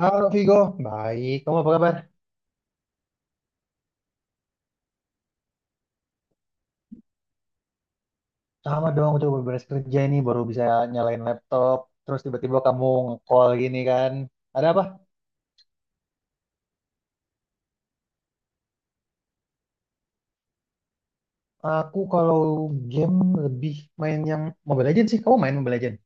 Halo Vigo, baik. Kamu apa kabar? Sama dong, udah beres kerja ini baru bisa nyalain laptop. Terus tiba-tiba kamu nge-call gini kan. Ada apa? Aku kalau game lebih main yang Mobile Legends sih. Kamu main Mobile Legends?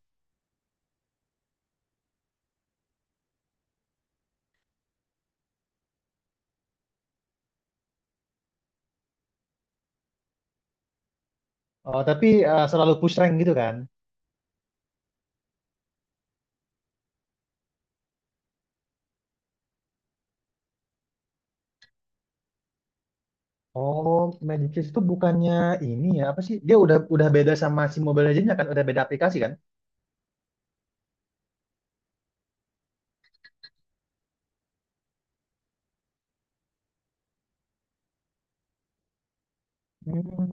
Oh, tapi selalu push rank gitu kan? Oh, Magic Kids itu bukannya ini ya, apa sih? Dia udah beda sama si Mobile Legends kan? Udah beda aplikasi kan? Hmm.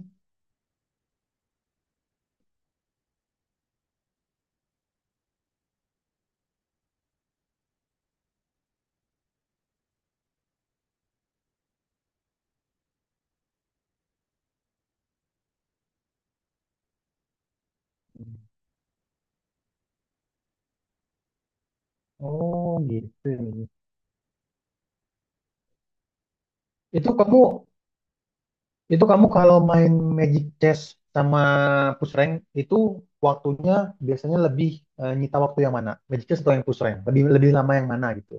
Oh, gitu. Itu kamu Itu kamu kalau main Magic Chess sama Push Rank itu waktunya biasanya lebih nyita waktu yang mana? Magic Chess atau yang Push Rank? Lebih lebih lama yang mana gitu?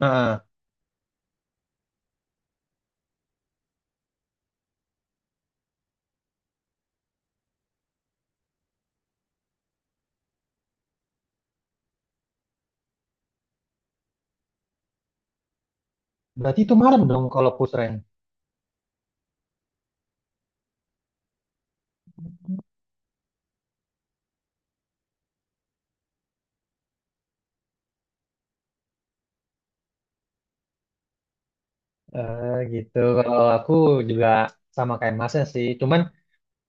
Nah, berarti itu marem dong kalau Push Rank. Eh, gitu. Kalau aku juga sama kayak masnya sih. Cuman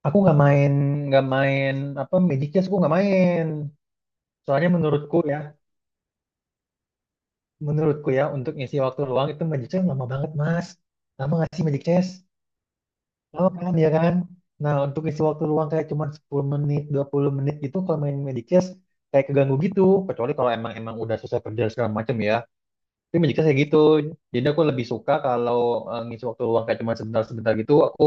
aku nggak main apa Magic Chess aku nggak main. Soalnya menurutku ya, untuk ngisi waktu luang itu Magic Chess lama banget mas. Lama nggak sih Magic Chess? Oh kan ya kan. Nah untuk isi waktu luang kayak cuma 10 menit, 20 menit gitu kalau main Medicast kayak keganggu gitu. Kecuali kalau emang emang udah selesai kerja segala macam ya. Tapi Medicast kayak gitu. Jadi aku lebih suka kalau ngisi waktu luang kayak cuma sebentar-sebentar gitu aku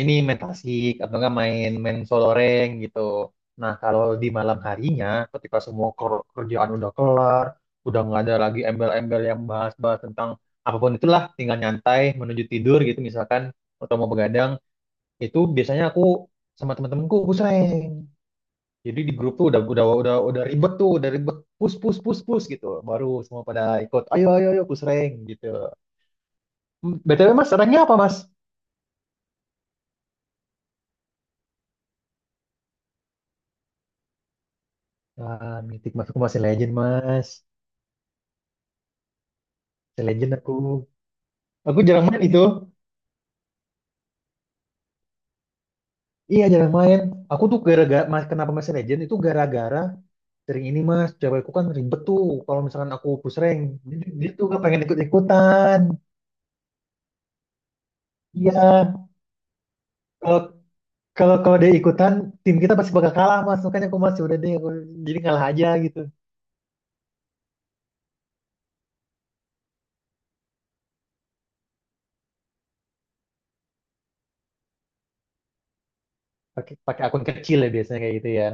ini main tasik atau enggak main main soloreng gitu. Nah kalau di malam harinya ketika semua kerjaan udah kelar, udah nggak ada lagi embel-embel yang bahas-bahas tentang apapun itulah tinggal nyantai menuju tidur gitu misalkan atau mau begadang itu biasanya aku sama teman-temanku push rank. Jadi di grup tuh udah ribet tuh udah ribet push push push push gitu baru semua pada ikut ayo ayo ayo push rank gitu. Hmm, btw mas ranknya apa mas? Ah mitik mas, aku masih legend mas. Masih legend Aku jarang main itu. Iya jarang main. Aku tuh gara-gara mas kenapa masih legend itu gara-gara sering ini mas, cewekku kan ribet tuh kalau misalkan aku pusreng. Dia tuh gak pengen ikut-ikutan. Iya. Kalau Kalau kalau dia ikutan, tim kita pasti bakal kalah mas. Makanya aku masih udah deh, aku jadi ngalah aja gitu. Pakai pakai akun kecil ya biasanya kayak gitu ya.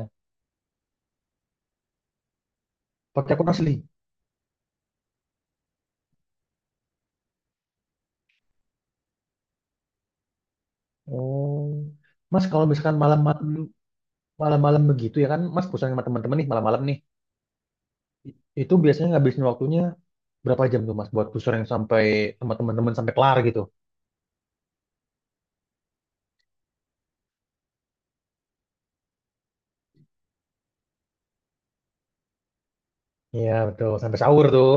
Pakai akun asli. Oh, mas kalau misalkan malam-malam begitu ya kan, mas pusing sama teman-teman nih malam-malam nih. I- Itu biasanya ngabisin waktunya berapa jam tuh mas buat pusing yang sampai sama teman-teman sampai kelar gitu? Iya betul, sampai sahur tuh.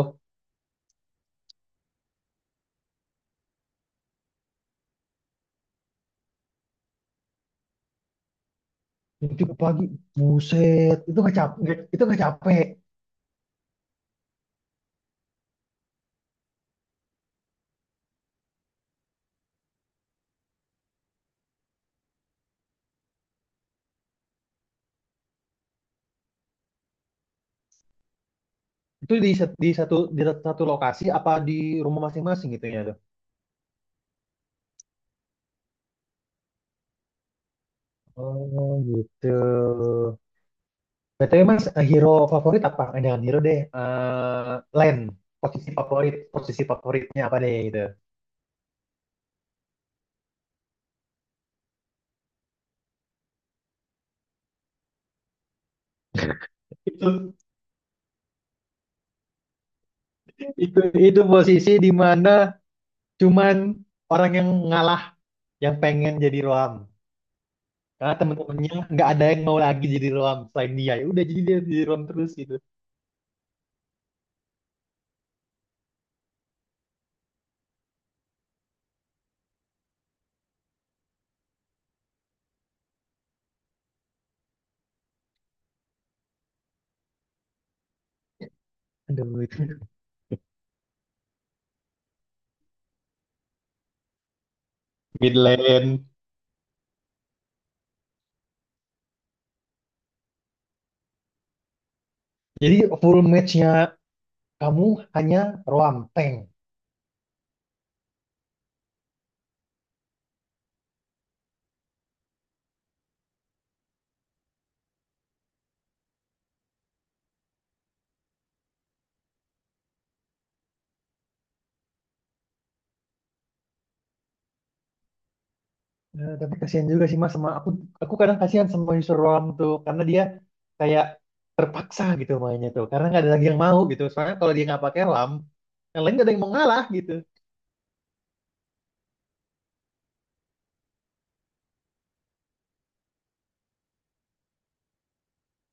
Itu pagi, buset, itu nggak capek, itu nggak capek. Itu di satu lokasi apa di rumah masing-masing gitu ya? Oh gitu. BTW Mas, eh, hero favorit apa? Eh, jangan hero deh. Eh Len, posisi favoritnya apa deh gitu. Itu itu itu posisi di mana cuman orang yang ngalah yang pengen jadi Roam. Karena temen-temennya nggak ada yang mau lagi jadi Roam selain dia. Ya udah jadi dia jadi Roam terus gitu. Aduh itu mid lane. Jadi full matchnya kamu hanya Roam tank. Eh, tapi kasihan juga sih mas sama aku kadang kasihan sama user ruang tuh karena dia kayak terpaksa gitu mainnya tuh karena nggak ada lagi yang mau gitu soalnya kalau dia nggak pakai lam yang lain nggak ada yang mau ngalah gitu.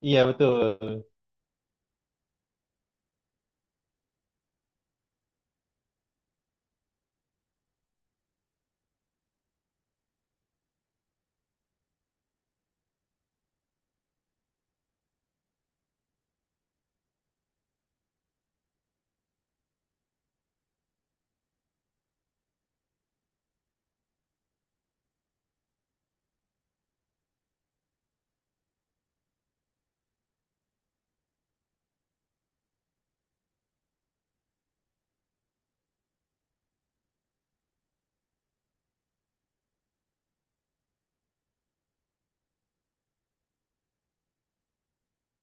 Iya betul.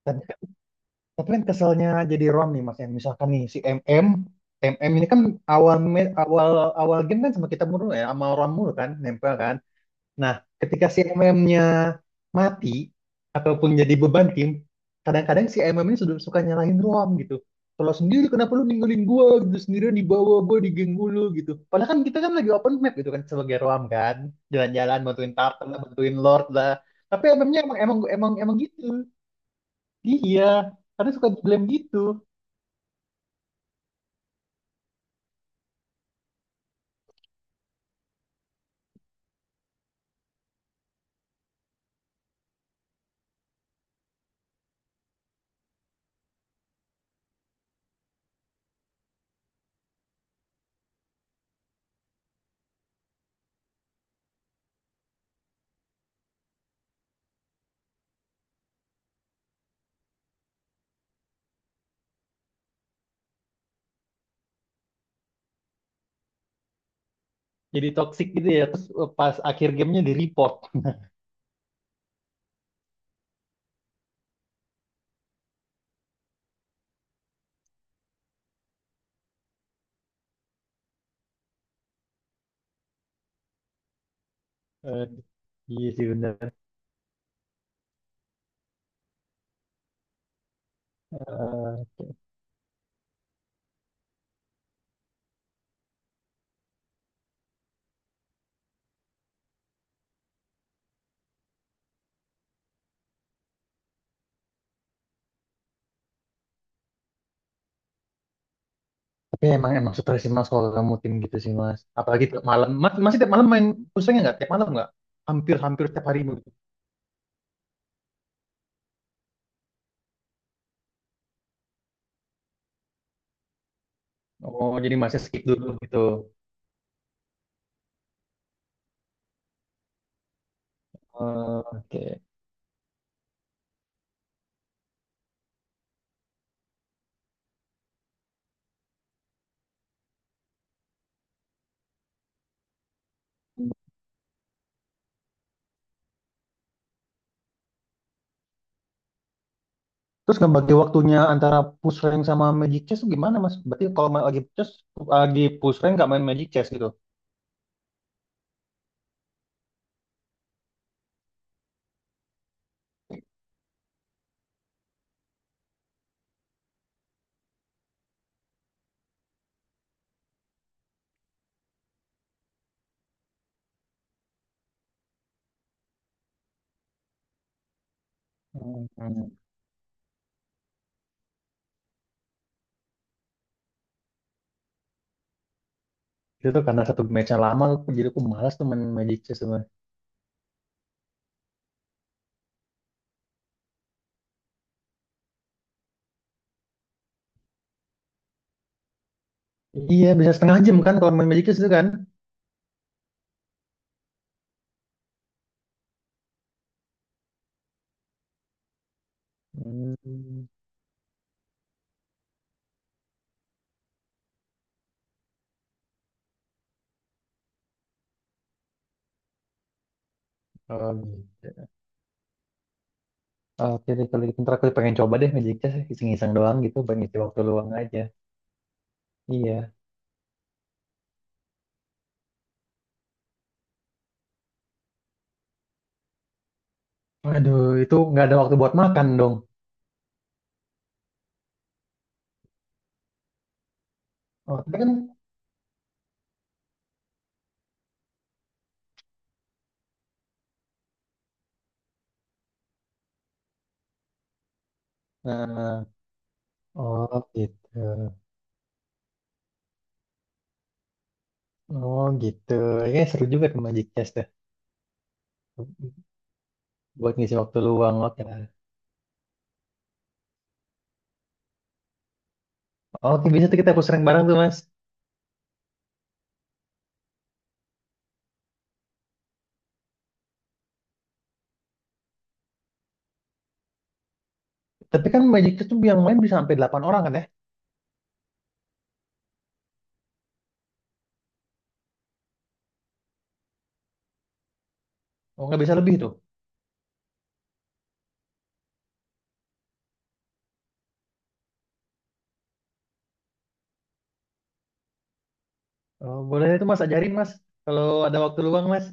Tapi, tapi kan keselnya jadi rom nih mas yang misalkan nih si MM. MM ini kan awal awal game kan sama kita mulu ya sama rom mulu kan nempel kan. Nah, ketika si MM-nya mati ataupun jadi beban tim, kadang-kadang si MM ini sudah suka nyalahin Roam gitu. Kalau sendiri kenapa lu ninggalin gua gitu sendirian di bawah gua di geng mulu gitu. Padahal kan kita kan lagi open map gitu kan sebagai Roam kan, jalan-jalan bantuin Tartan lah, bantuin Lord lah. Tapi MM-nya emang emang emang emang gitu. Iya, karena suka di blame gitu. Jadi toxic gitu ya, terus pas akhir gamenya di report. Iya sih, benar. Ya, emang emang stres sih mas kalau kamu tim gitu sih mas. Apalagi tiap malam. Mas, masih tiap malam main pusingnya nggak? Tiap malam nggak? Hampir-hampir tiap hari begitu. Oh, jadi masih skip dulu gitu. Eh, oke. Terus ngebagi waktunya antara push rank sama magic chess tuh gimana mas? Berarti kalau main lagi chess, lagi push rank nggak main magic chess gitu? Hmm. Itu tuh karena satu matchnya lama, jadi aku malas tuh main magic chess mas. Iya, bisa setengah jam kan kalau main magic chess itu kan? Hmm. Oh, gitu. Oke deh kalau gitu ntar aku pengen coba deh Magic Chess iseng-iseng doang gitu pengen ngisi waktu luang aja. Iya. Aduh itu nggak ada waktu buat makan dong. Oh tapi kan. Nah, oh gitu. Oh gitu. Ya seru juga tuh Magic Chess tuh. Buat ngisi waktu luang oke lah. Oke bisa tuh kita aku sering bareng tuh Mas. Tapi kan Magic Chess tuh yang main bisa sampai 8 orang kan ya? Oh nggak bisa lebih tuh. Oh, boleh tuh Mas ajarin Mas kalau ada waktu luang Mas.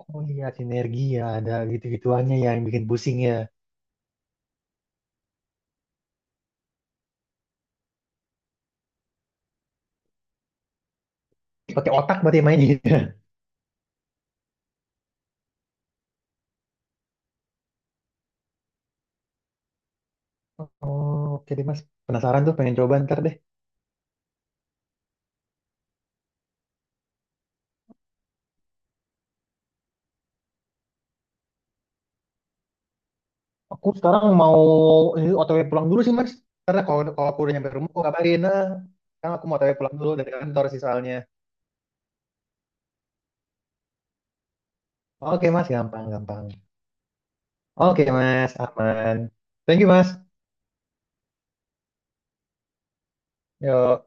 Oh iya sinergi ya ada gitu-gituannya ya yang bikin pusing ya. Pakai otak berarti mainnya. Oh, oke deh Mas. Penasaran tuh, pengen coba ntar deh. Aku sekarang mau ini OTW pulang dulu sih Mas. Karena kalau kalau aku udah nyampe rumah, aku kabarin. Nah, sekarang aku mau OTW pulang dulu dari kantor sih soalnya. Oke Mas, gampang, gampang. Oke Mas, aman. Thank you Mas. Yo.